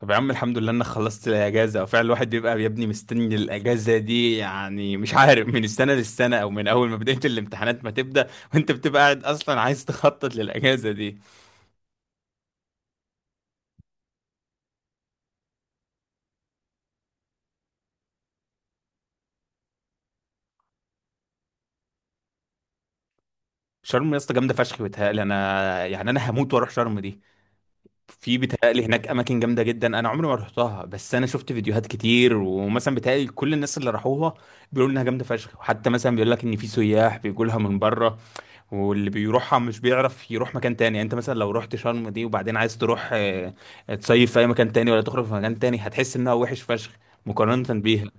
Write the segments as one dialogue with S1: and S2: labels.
S1: طب يا عم، الحمد لله انك خلصت الاجازه. وفعلا الواحد بيبقى يا ابني مستني الاجازه دي، يعني مش عارف من السنه للسنه، او من اول ما بدايه الامتحانات ما تبدا وانت بتبقى قاعد اصلا عايز تخطط للاجازه دي. شرم يا اسطى جامده فشخ، بيتهيألي انا، يعني انا هموت واروح شرم دي. في بيتهيألي هناك اماكن جامده جدا، انا عمري ما رحتها، بس انا شفت فيديوهات كتير، ومثلا بيتهيألي كل الناس اللي راحوها بيقولوا انها جامده فشخ، وحتى مثلا بيقول لك ان في سياح بيجوا لها من بره. واللي بيروحها مش بيعرف يروح مكان تاني. يعني انت مثلا لو رحت شرم دي، وبعدين عايز تروح تصيف في اي مكان تاني، ولا تخرج في مكان تاني، هتحس انها وحش فشخ مقارنة بيها.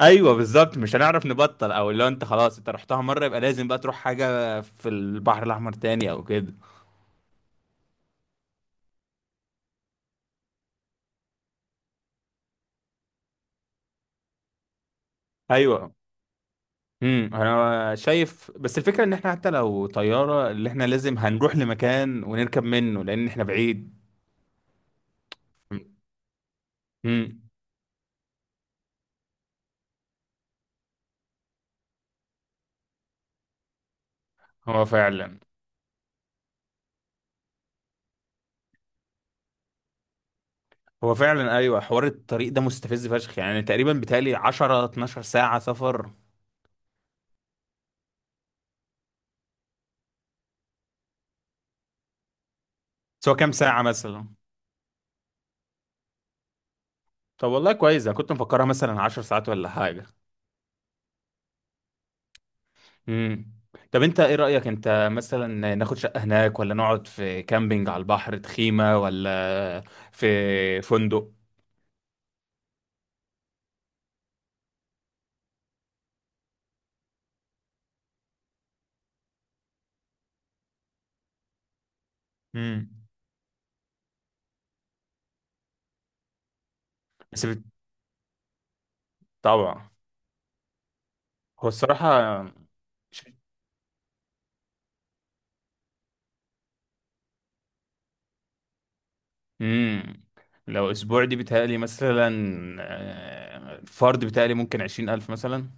S1: ايوه بالظبط، مش هنعرف نبطل. او لو انت خلاص انت رحتها مرة، يبقى لازم بقى تروح حاجة في البحر الاحمر تاني او كده. ايوه. امم، انا شايف بس الفكرة ان احنا حتى لو طيارة، اللي احنا لازم هنروح لمكان ونركب منه، لان احنا بعيد. امم. هو فعلا هو فعلا ايوه، حوار الطريق ده مستفز فشخ، يعني تقريبا بتالي 10 12 ساعه سفر. سواء كام ساعه مثلا؟ طب والله كويس، انا كنت مفكرها مثلا 10 ساعات ولا حاجه. امم. طب انت ايه رايك، انت مثلا ناخد شقه هناك، ولا نقعد في كامبينج على البحر تخيمه، ولا في فندق؟ امم. بس بت- طبعا هو الصراحه، امم، لو اسبوع دي بتهيألي مثلا الفرد بتهيألي ممكن 20000 مثلا.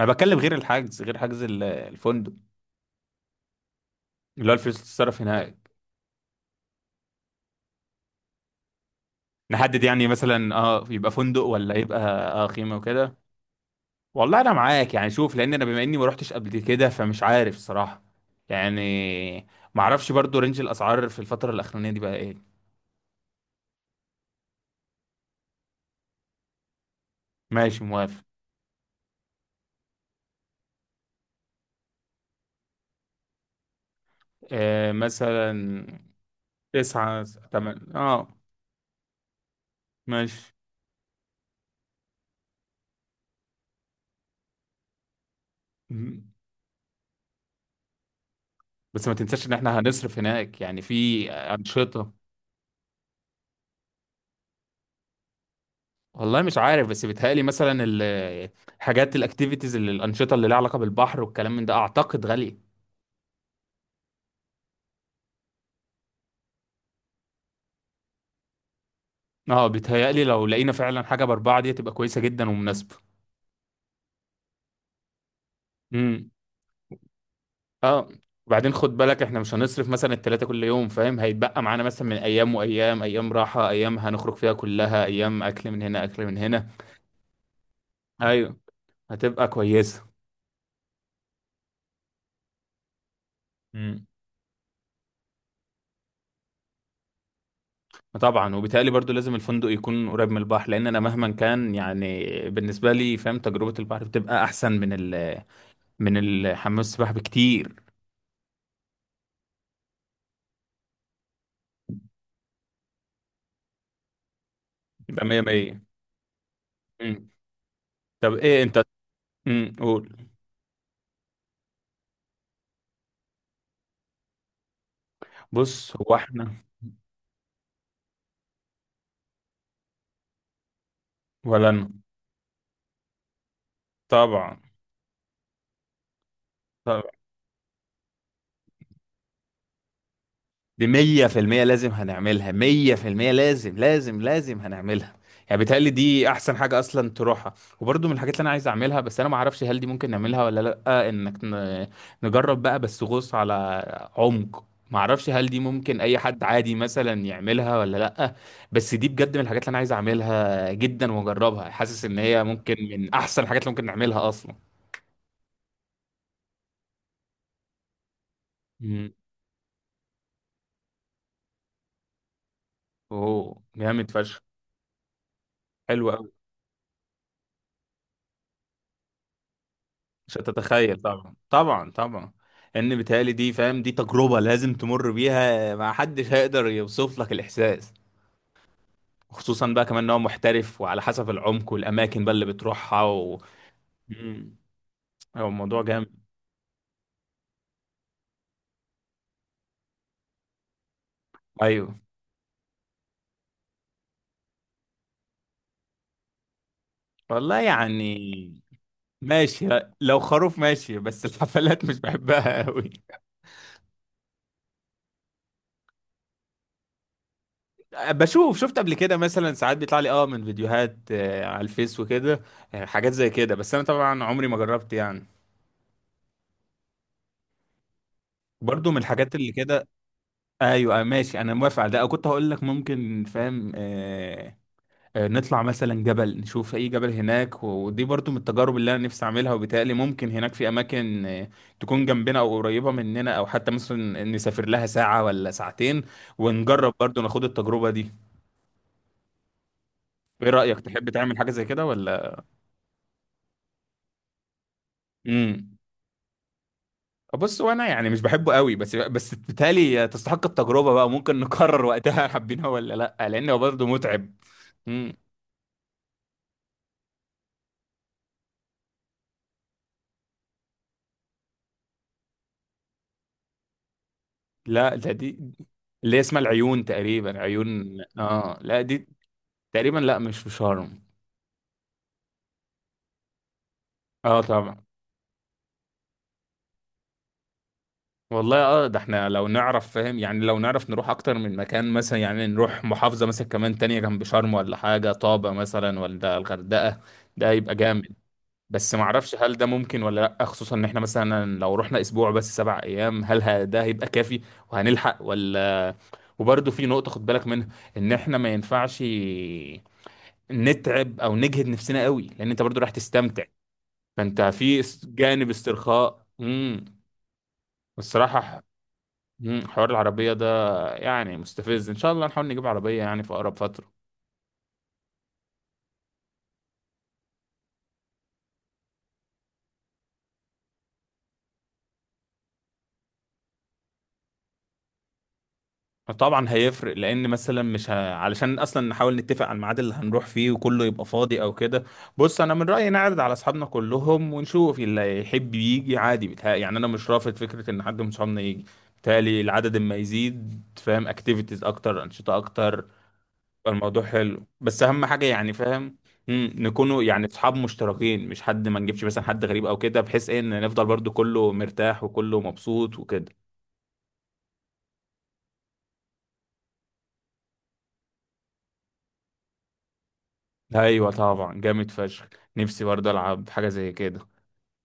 S1: انا بتكلم غير الحجز، غير حجز الفندق، اللي هو الفلوس اللي تتصرف هناك. نحدد يعني مثلا، اه يبقى فندق ولا يبقى اه خيمه وكده. والله انا معاك، يعني شوف، لان انا بما اني ما روحتش قبل كده، فمش عارف الصراحه. يعني ما اعرفش برضو رينج الاسعار في الفتره الاخرانيه دي بقى ايه. ماشي موافق. آه مثلا تسعة، تمن، اه ماشي. مم. بس ما تنساش ان احنا هنصرف هناك يعني في انشطه. والله مش عارف، بس بيتهيألي مثلا الحاجات الاكتيفيتيز، اللي الانشطه اللي لها علاقه بالبحر والكلام من ده، اعتقد غاليه. اه بيتهيألي لو لقينا فعلا حاجه باربعه، دي تبقى كويسه جدا ومناسبه. امم، اه. وبعدين خد بالك احنا مش هنصرف مثلا التلاته كل يوم، فاهم؟ هيتبقى معانا مثلا من ايام وايام، ايام راحه، ايام هنخرج فيها، كلها ايام اكل من هنا اكل من هنا. ايوه، هتبقى كويسه. امم. طبعا، وبالتالي برضو لازم الفندق يكون قريب من البحر، لان انا مهما كان يعني بالنسبه لي، فاهم، تجربه البحر بتبقى احسن من ال، من الحمام السباحة بكتير. يبقى مية مية. مم. طب ايه انت؟ قول. بص هو احنا. ولا انا. طبعا. طب دي مية في المية لازم هنعملها، مية في المية لازم لازم لازم هنعملها، يعني بيتهيألي دي أحسن حاجة أصلا تروحها. وبرضه من الحاجات اللي أنا عايز أعملها، بس أنا معرفش هل دي ممكن نعملها ولا لأ، إنك نجرب بقى بس غوص على عمق. معرفش هل دي ممكن أي حد عادي مثلا يعملها ولا لأ، بس دي بجد من الحاجات اللي أنا عايز أعملها جدا وأجربها، حاسس إن هي ممكن من أحسن الحاجات اللي ممكن نعملها أصلا. مم. أوه جامد فشخ. حلو أوي. مش هتتخيل، طبعا طبعا طبعا، ان بيتهيألي دي، فاهم، دي تجربة لازم تمر بيها، ما حدش هيقدر يوصف لك الإحساس. خصوصا بقى كمان ان هو محترف، وعلى حسب العمق والأماكن بقى اللي بتروحها و... مم. هو الموضوع جامد. أيوه. والله يعني، ماشي. لو خروف ماشي، بس الحفلات مش بحبها قوي. بشوف، شفت قبل كده مثلا ساعات بيطلع لي اه من فيديوهات على الفيس وكده، حاجات زي كده، بس انا طبعا عمري ما جربت يعني. برضو من الحاجات اللي كده. ايوه أيوة، ماشي انا موافق على ده. أو كنت هقول لك ممكن، فاهم، آه نطلع مثلا جبل، نشوف اي جبل هناك، ودي برضو من التجارب اللي انا نفسي اعملها. وبالتالي ممكن هناك في اماكن تكون جنبنا او قريبه مننا، او حتى مثلا نسافر لها ساعه ولا ساعتين، ونجرب برضو ناخد التجربه دي. ايه رايك، تحب تعمل حاجه زي كده ولا؟ امم. بص وانا يعني مش بحبه قوي، بس بالتالي تستحق التجربه بقى، ممكن نقرر وقتها حابينها ولا لا، لانه برضو متعب. لا ده دي اللي هي اسمها العيون تقريبا، عيون، اه لا دي تقريبا، لا مش في شرم. اه طبعا. والله اه ده احنا لو نعرف، فاهم، يعني لو نعرف نروح اكتر من مكان، مثلا يعني نروح محافظة مثلا كمان تانية جنب شرم، ولا حاجة طابة مثلا، ولا الغردقة، ده يبقى جامد. بس ما اعرفش هل ده ممكن ولا لا، خصوصا ان احنا مثلا لو رحنا اسبوع بس، سبع ايام، هل ده هيبقى كافي وهنلحق ولا؟ وبرضه في نقطة خد بالك منها، ان احنا ما ينفعش نتعب او نجهد نفسنا قوي، لان انت برضو راح تستمتع. فانت في جانب استرخاء. امم. الصراحه مم، حوار العربيه ده يعني مستفز، ان شاء الله نحاول نجيب عربيه يعني في اقرب فتره. طبعا هيفرق، لان مثلا مش ه... علشان اصلا نحاول نتفق على الميعاد اللي هنروح فيه وكله يبقى فاضي او كده. بص انا من رايي نعرض على اصحابنا كلهم ونشوف اللي يحب يجي عادي، بتهيألي يعني انا مش رافض فكره ان حد من صحابنا يجي. بالتالي العدد اما يزيد، فاهم، اكتيفيتيز اكتر، انشطه اكتر. الموضوع حلو، بس اهم حاجه يعني، فاهم، مم، نكونوا يعني اصحاب مشتركين، مش حد، ما نجيبش مثلا حد غريب او كده، بحيث ايه ان نفضل برضو كله مرتاح وكله مبسوط وكده. ايوه طبعا، جامد فشخ. نفسي برضه العب حاجه زي كده،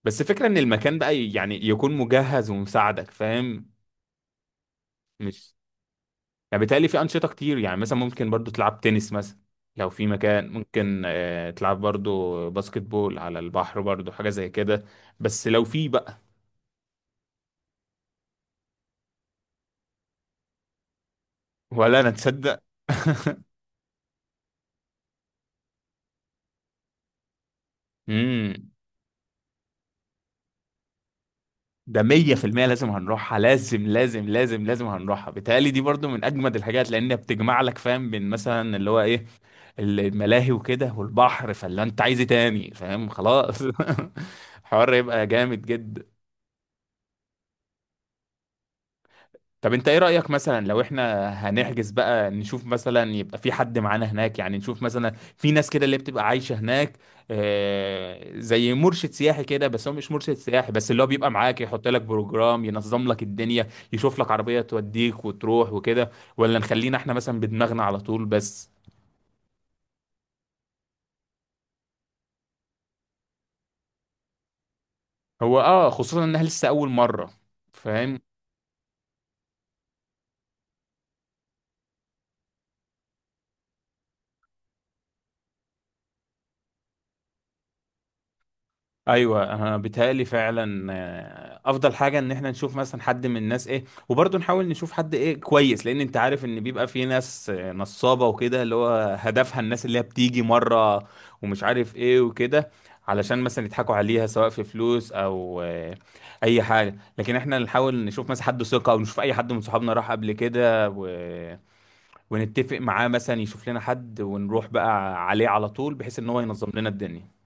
S1: بس فكره ان المكان بقى يعني يكون مجهز ومساعدك، فاهم. مش، يعني بالتالي في انشطه كتير، يعني مثلا ممكن برضو تلعب تنس مثلا، لو في مكان ممكن تلعب برضو باسكت بول على البحر، برضو حاجه زي كده، بس لو في بقى. ولا انا تصدق. امم. ده 100% لازم هنروحها، لازم لازم لازم لازم هنروحها. بيتهيألي دي برضو من اجمد الحاجات، لان بتجمع لك، فاهم، بين مثلا اللي هو ايه، الملاهي وكده والبحر، فاللي انت عايز إيه تاني؟ فاهم، خلاص. حوار يبقى جامد جدا. طب انت ايه رأيك، مثلا لو احنا هنحجز بقى، نشوف مثلا يبقى في حد معانا هناك، يعني نشوف مثلا في ناس كده اللي بتبقى عايشة هناك، زي مرشد سياحي كده، بس هو مش مرشد سياحي، بس اللي هو بيبقى معاك يحط لك بروجرام، ينظم لك الدنيا، يشوف لك عربية توديك وتروح وكده. ولا نخلينا احنا مثلا بدماغنا على طول بس؟ هو اه خصوصا انها لسه اول مرة، فاهم. ايوه انا بيتهيألي فعلا افضل حاجه ان احنا نشوف مثلا حد من الناس ايه. وبرضه نحاول نشوف حد ايه كويس، لان انت عارف ان بيبقى في ناس نصابه وكده، اللي هو هدفها الناس اللي هي بتيجي مره ومش عارف ايه وكده، علشان مثلا يضحكوا عليها، سواء في فلوس او اي حاجه. لكن احنا نحاول نشوف مثلا حد ثقه، او نشوف اي حد من صحابنا راح قبل كده و... ونتفق معاه مثلا يشوف لنا حد، ونروح بقى عليه على طول، بحيث ان هو ينظم لنا الدنيا.